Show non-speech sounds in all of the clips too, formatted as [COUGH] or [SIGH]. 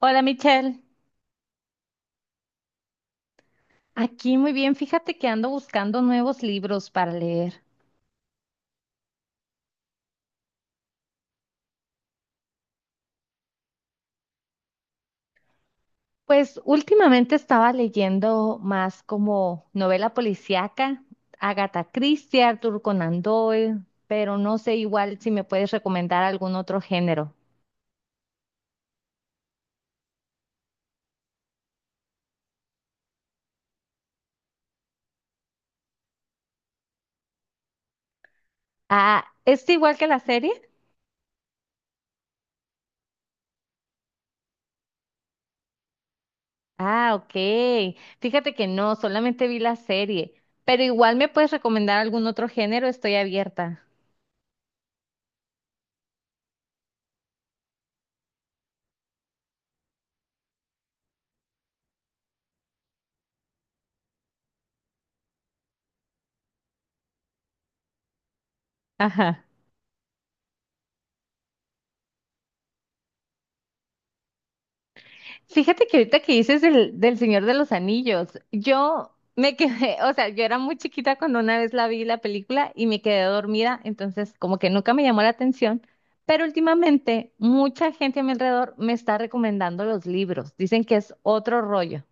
Hola Michelle, aquí muy bien. Fíjate que ando buscando nuevos libros para leer. Pues últimamente estaba leyendo más como novela policíaca, Agatha Christie, Arthur Conan Doyle, pero no sé, igual si me puedes recomendar algún otro género. Ah, ¿es igual que la serie? Ah, ok. Fíjate que no, solamente vi la serie, pero igual me puedes recomendar algún otro género, estoy abierta. Ajá. Fíjate que ahorita que dices del Señor de los Anillos, yo me quedé, [LAUGHS] o sea, yo era muy chiquita cuando una vez la vi la película y me quedé dormida, entonces como que nunca me llamó la atención, pero últimamente mucha gente a mi alrededor me está recomendando los libros, dicen que es otro rollo.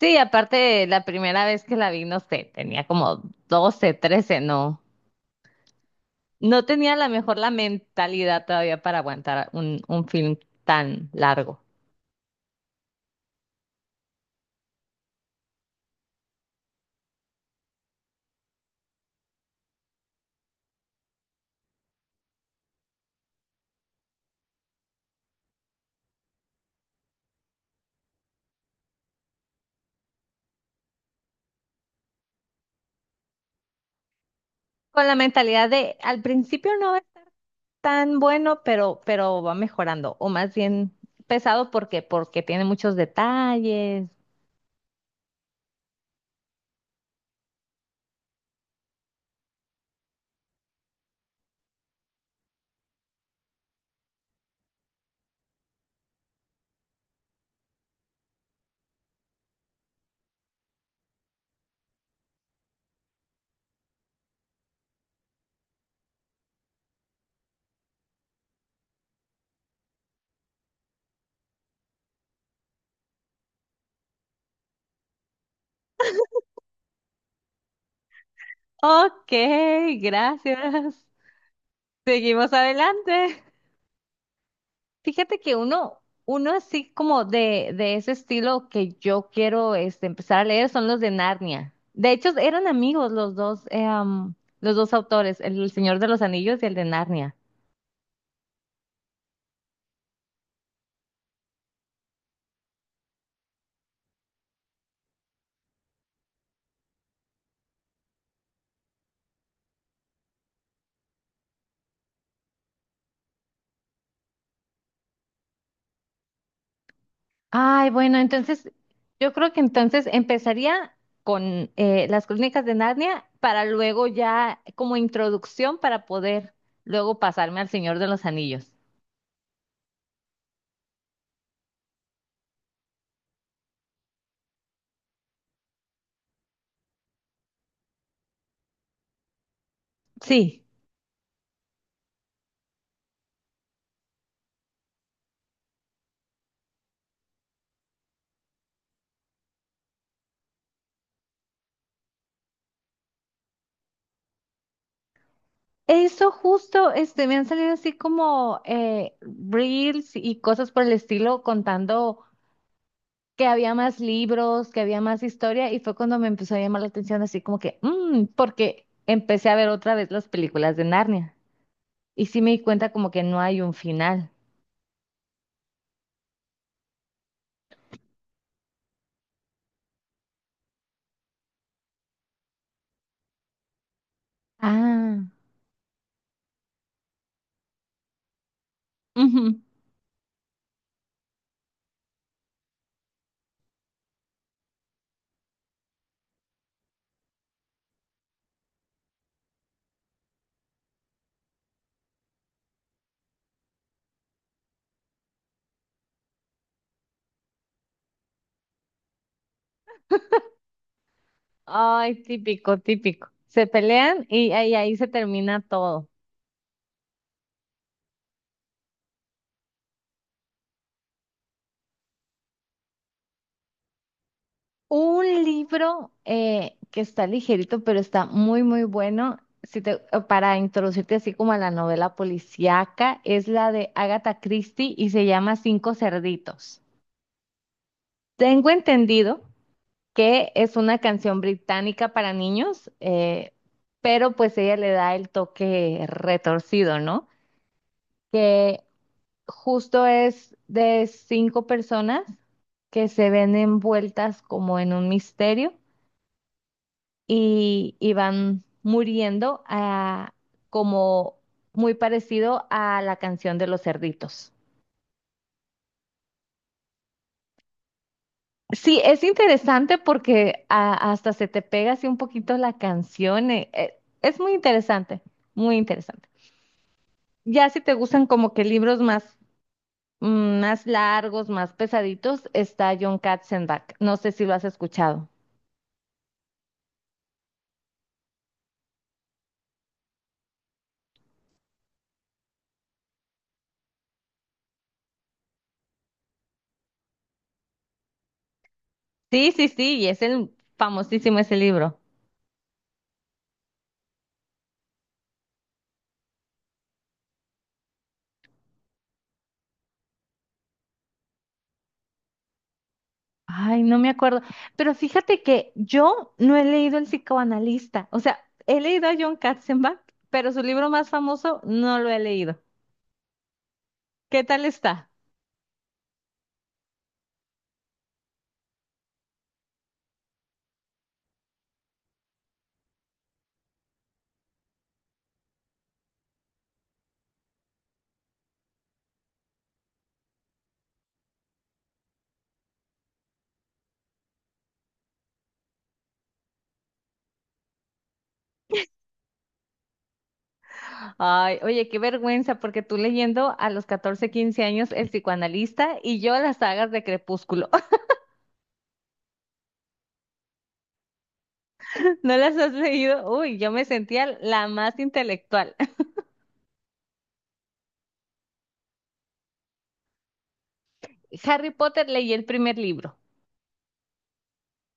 Sí, aparte la primera vez que la vi, no sé, tenía como 12, 13, no, no tenía a lo mejor la mentalidad todavía para aguantar un film tan largo, con la mentalidad de al principio no tan bueno, pero va mejorando, o más bien pesado porque, porque tiene muchos detalles. Ok, gracias. Seguimos adelante. Fíjate que uno así como de ese estilo que yo quiero empezar a leer son los de Narnia. De hecho, eran amigos los dos, los dos autores, el Señor de los Anillos y el de Narnia. Ay, bueno, entonces yo creo que entonces empezaría con las crónicas de Narnia para luego ya como introducción para poder luego pasarme al Señor de los Anillos. Sí, eso justo, me han salido así como reels y cosas por el estilo contando que había más libros, que había más historia y fue cuando me empezó a llamar la atención así como que, "Mm", porque empecé a ver otra vez las películas de Narnia y sí me di cuenta como que no hay un final. Ah, ujú. Ay, típico, típico. Se pelean y ahí, ahí se termina todo. Un libro que está ligerito, pero está muy, muy bueno, si te- para introducirte así como a la novela policíaca, es la de Agatha Christie y se llama Cinco Cerditos. Tengo entendido que es una canción británica para niños, pero pues ella le da el toque retorcido, ¿no? que Justo es de cinco personas que se ven envueltas como en un misterio y van muriendo, como muy parecido a la canción de los cerditos. Sí, es interesante porque, hasta se te pega así un poquito la canción. Es muy interesante, muy interesante. Ya si te gustan como que libros más, más largos, más pesaditos, está John Katzenbach. No sé si lo has escuchado. Sí, sí, sí, y es el famosísimo ese libro. Ay, no me acuerdo. Pero fíjate que yo no he leído El psicoanalista. O sea, he leído a John Katzenbach, pero su libro más famoso no lo he leído. ¿Qué tal está? Ay, oye, qué vergüenza, porque tú leyendo a los 14, 15 años El psicoanalista y yo las sagas de Crepúsculo. [LAUGHS] ¿No las has leído? Uy, yo me sentía la más intelectual. [LAUGHS] Harry Potter leí el primer libro.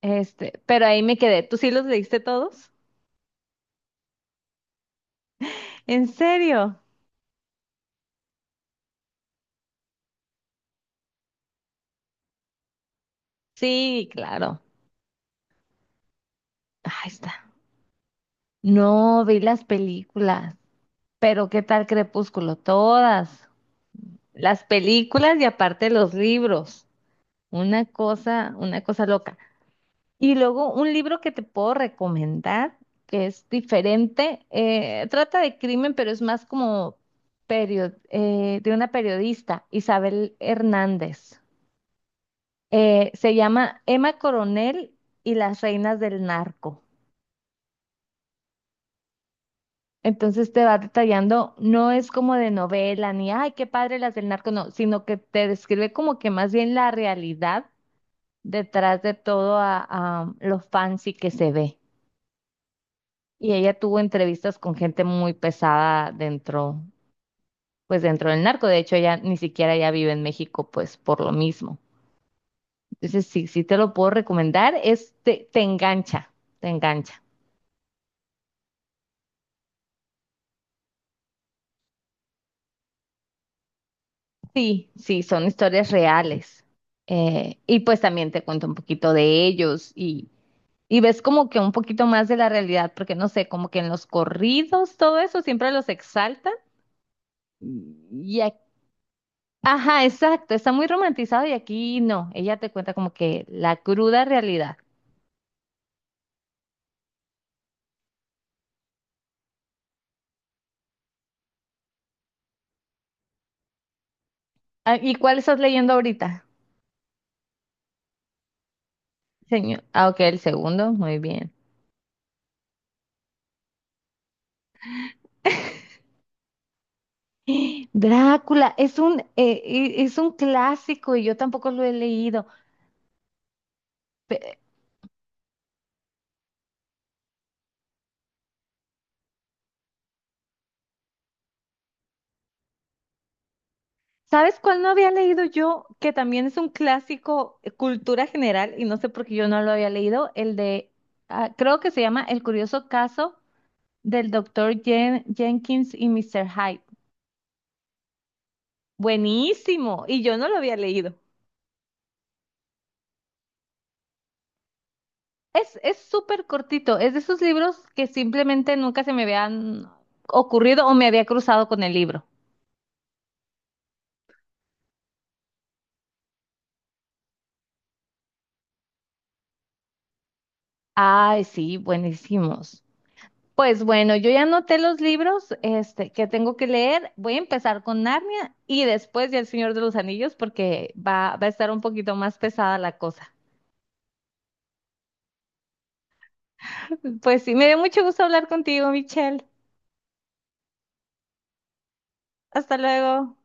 Pero ahí me quedé. ¿Tú sí los leíste todos? ¿En serio? Sí, claro. Ahí está. No, vi las películas. Pero ¿qué tal Crepúsculo? Todas. Las películas y aparte los libros. Una cosa loca. Y luego un libro que te puedo recomendar, que es diferente. Trata de crimen, pero es más como de una periodista, Isabel Hernández. Se llama Emma Coronel y las reinas del narco. Entonces te va detallando, no es como de novela, ni, ay, qué padre las del narco, no, sino que te describe como que más bien la realidad detrás de todo, a lo fancy que se ve. Y ella tuvo entrevistas con gente muy pesada dentro, pues dentro del narco. De hecho, ella ni siquiera ya vive en México, pues por lo mismo. Entonces, sí, sí te lo puedo recomendar, es, te engancha, te engancha. Sí, sí, son historias reales. Y pues también te cuento un poquito de ellos. Y ves como que un poquito más de la realidad, porque no sé, como que en los corridos, todo eso siempre los exaltan. Y aquí, ajá, exacto, está muy romantizado y aquí no, ella te cuenta como que la cruda realidad. Ah, ¿y cuál estás leyendo ahorita, señor? Ah, ok, el segundo, muy bien. Drácula, es un clásico y yo tampoco lo he leído. ¿Sabes cuál no había leído yo? Que también es un clásico, cultura general y no sé por qué yo no lo había leído. El de, ah, creo que se llama El curioso caso del doctor Jenkins y Mr. Hyde. Buenísimo. Y yo no lo había leído. Es súper cortito. Es de esos libros que simplemente nunca se me habían ocurrido o me había cruzado con el libro. Ay, sí, buenísimos. Pues bueno, yo ya anoté los libros, que tengo que leer. Voy a empezar con Narnia y después ya El Señor de los Anillos porque va, va a estar un poquito más pesada la cosa. [LAUGHS] Pues sí, me dio mucho gusto hablar contigo, Michelle. Hasta luego.